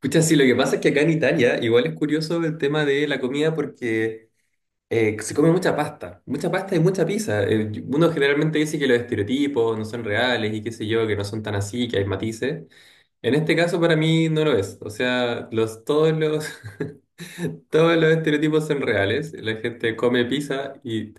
Pucha, sí, lo que pasa es que acá en Italia igual es curioso el tema de la comida porque se come mucha pasta y mucha pizza. Uno generalmente dice que los estereotipos no son reales y qué sé yo, que no son tan así, que hay matices. En este caso para mí no lo es. O sea, todos los estereotipos son reales. La gente come pizza y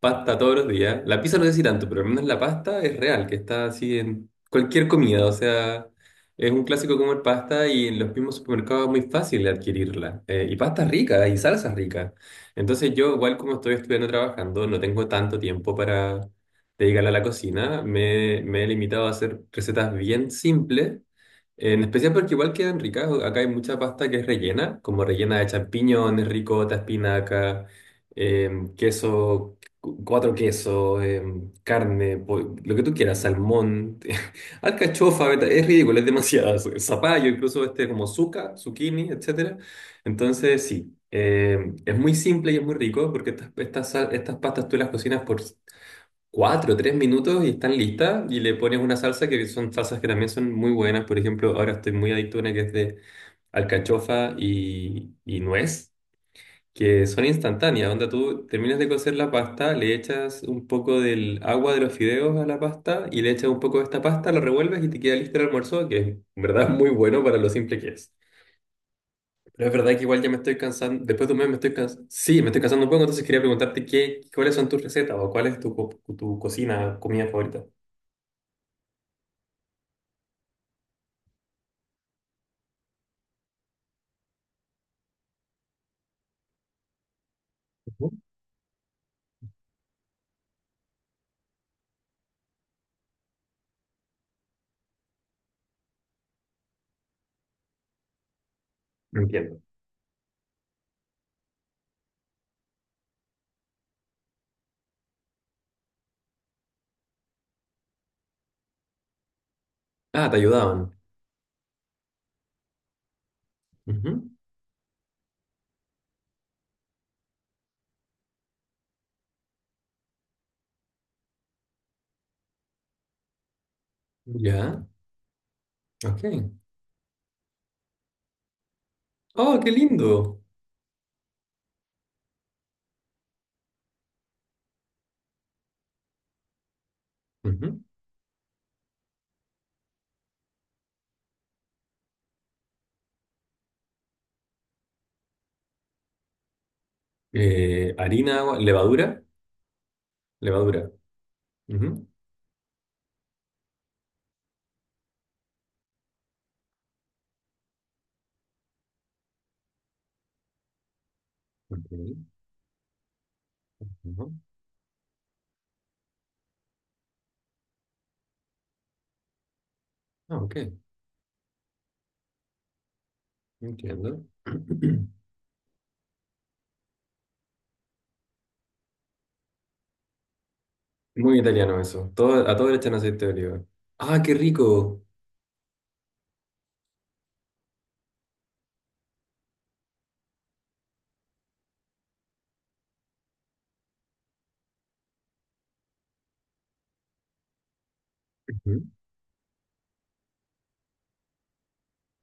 pasta todos los días. La pizza no sé si tanto, pero al menos la pasta es real, que está así en cualquier comida. O sea, es un clásico comer pasta y en los mismos supermercados es muy fácil adquirirla. Y pasta rica y salsa rica. Entonces yo, igual como estoy estudiando trabajando, no tengo tanto tiempo para dedicarle a la cocina. Me he limitado a hacer recetas bien simples, en especial porque igual quedan ricas. Acá hay mucha pasta que es rellena, como rellena de champiñones, ricota, espinaca, queso, cuatro quesos, carne, lo que tú quieras, salmón, alcachofa, es ridículo, es demasiado. Zapallo, incluso este como zuca, zucchini, etcétera. Entonces, sí, es muy simple y es muy rico porque estas pastas tú las cocinas por 4, 3 minutos y están listas, y le pones una salsa que son salsas que también son muy buenas. Por ejemplo, ahora estoy muy adicto a una que es de alcachofa y nuez, que son instantáneas. Onda, tú terminas de cocer la pasta, le echas un poco del agua de los fideos a la pasta y le echas un poco de esta pasta, lo revuelves y te queda listo el almuerzo, que es en verdad muy bueno para lo simple que es. Pero es verdad que igual ya me estoy cansando, después de un mes me estoy cansando, sí, me estoy cansando un poco, entonces quería preguntarte qué, cuáles son tus recetas o cuál es tu, tu cocina, comida favorita. Entiendo. Ah, te ayudaban. Ujú. Ya, ok. Oh, qué lindo. Ujú. Harina, agua, levadura, levadura. Ujú, ok, ujú. Ah, ok, entiendo. Muy italiano eso. A todo le echan aceite de oliva. Ah, qué rico. Ujú,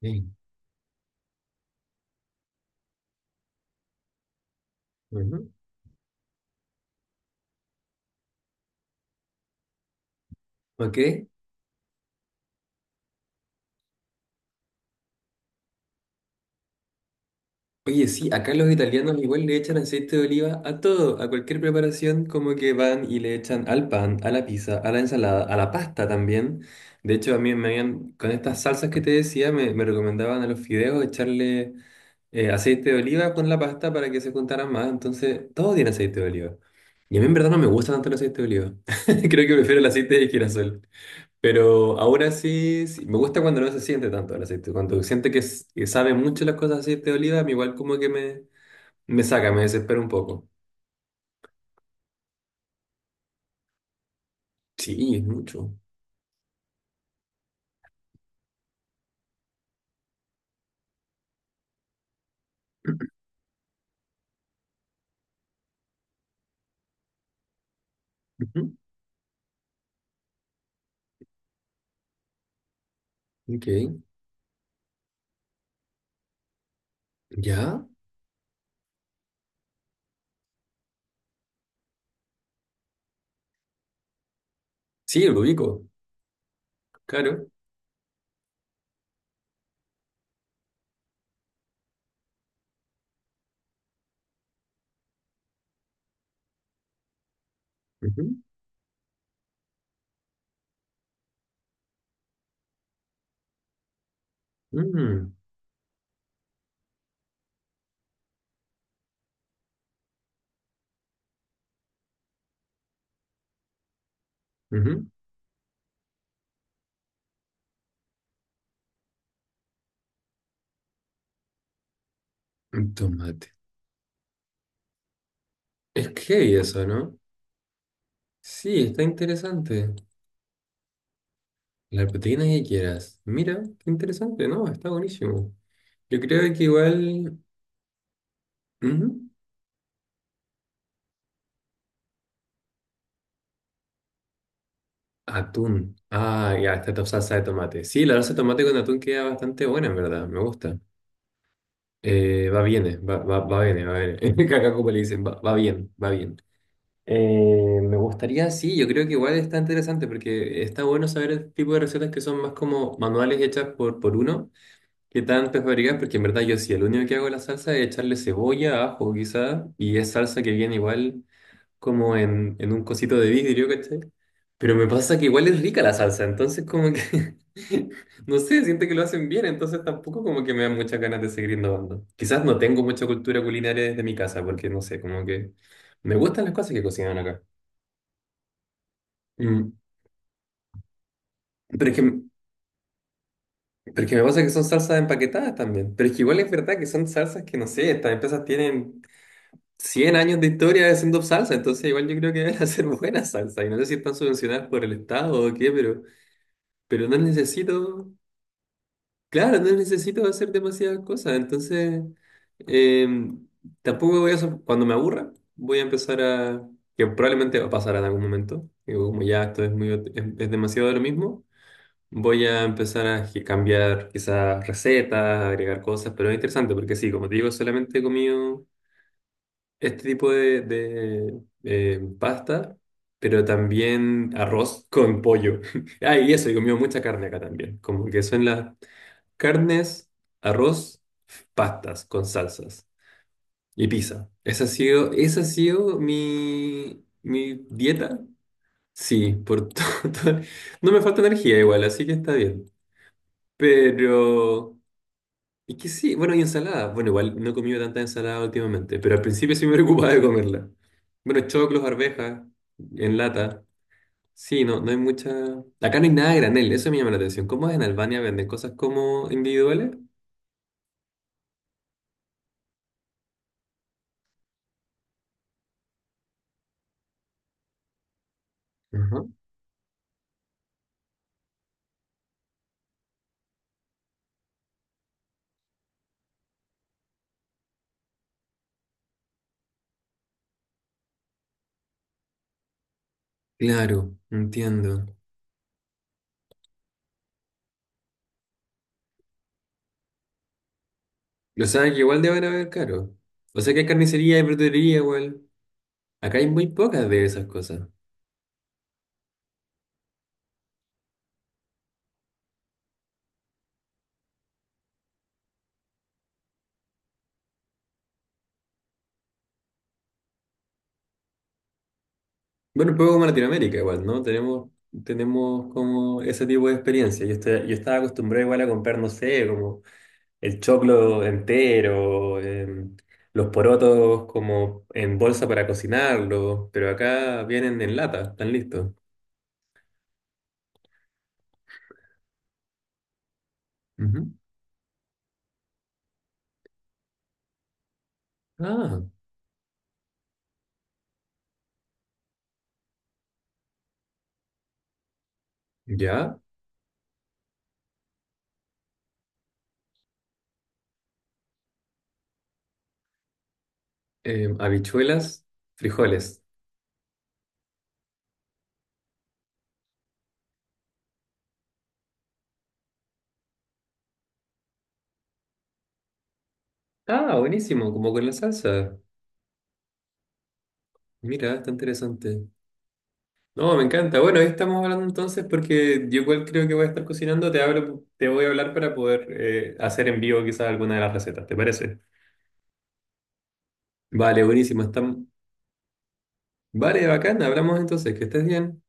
bien. Ujú, ok. Oye, sí, acá los italianos igual le echan aceite de oliva a todo, a cualquier preparación, como que van y le echan al pan, a la pizza, a la ensalada, a la pasta también. De hecho, a mí me habían, con estas salsas que te decía, me recomendaban a los fideos echarle aceite de oliva con la pasta para que se juntaran más. Entonces, todo tiene aceite de oliva. Y a mí en verdad no me gusta tanto el aceite de oliva. Creo que prefiero el aceite de girasol. Pero ahora sí, sí, me gusta cuando no se siente tanto el aceite. Cuando siente que, que sabe mucho las cosas de aceite de oliva, a mí igual como que me saca, me desespera un poco. Sí, es mucho. Ujú. Ok, ¿ya? Sí, lo ubico, claro. Ujú, mm, ujú. Un tomate. Es heavy eso, ¿no? Sí, está interesante. La proteína que quieras. Mira, qué interesante, ¿no? Está buenísimo. Yo creo que igual... Ujú. Atún. Ah, ya, esta salsa de tomate. Sí, la salsa de tomate con atún queda bastante buena, en verdad. Me gusta. Va bien, va bien, va bien. Acá como le dicen, va bien, va bien. Me gustaría, sí, yo creo que igual está interesante porque está bueno saber el tipo de recetas que son más como manuales hechas por uno que tan prefabricadas, porque en verdad yo sí, el único que hago la salsa es echarle cebolla, ajo quizá, y es salsa que viene igual como en un cosito de vidrio, ¿cachai? Pero me pasa que igual es rica la salsa, entonces como que, no sé, siento que lo hacen bien, entonces tampoco como que me dan muchas ganas de seguir innovando. Quizás no tengo mucha cultura culinaria desde mi casa, porque no sé, como que me gustan las cosas que cocinan acá. Mm. Pero es que, pero es que me pasa que son salsas empaquetadas también, pero es que igual es verdad que son salsas que, no sé, estas empresas tienen 100 años de historia haciendo salsa, entonces igual yo creo que deben hacer buena salsa, y no sé si están subvencionadas por el Estado o qué, pero no necesito, claro, no necesito hacer demasiadas cosas, entonces eh, tampoco voy a, cuando me aburra, voy a empezar a, que probablemente va a pasar en algún momento, digo, como ya esto es muy, es demasiado de lo mismo, voy a empezar a cambiar quizás recetas, agregar cosas, pero es interesante porque sí, como te digo, solamente he comido este tipo de pasta. Pero también arroz con pollo. Ah, y eso, he comido mucha carne acá también. Como que son las carnes, arroz, pastas con salsas y pizza. Esa ha sido mi dieta. Sí, por todo. No me falta energía igual, así que está bien. Pero... Y que sí, bueno, y ensalada. Bueno, igual no he comido tanta ensalada últimamente, pero al principio sí me preocupaba de comerla. Bueno, choclos, arvejas, en lata. Sí, no, no hay mucha... Acá no hay nada a granel, eso me llama la atención. ¿Cómo es en Albania? ¿Venden cosas como individuales? Ajá. Claro, entiendo. O sea, que igual deben haber caro. O sea, que hay carnicería, hay verdulería igual. Acá hay muy pocas de esas cosas. Bueno, un poco como Latinoamérica igual, ¿no? Tenemos como ese tipo de experiencia. Yo estaba acostumbrado igual a comprar, no sé, como el choclo entero, los porotos como en bolsa para cocinarlos, pero acá vienen en lata, están listos. Ujú. Ah, ya. Habichuelas, frijoles. Ah, buenísimo, como con la salsa. Mira, está interesante. No, me encanta. Bueno, ahí estamos hablando entonces porque yo igual creo que voy a estar cocinando. Te hablo, te voy a hablar para poder hacer en vivo quizás alguna de las recetas, ¿te parece? Vale, buenísimo. Estamos... Vale, bacán. Hablamos entonces. Que estés bien.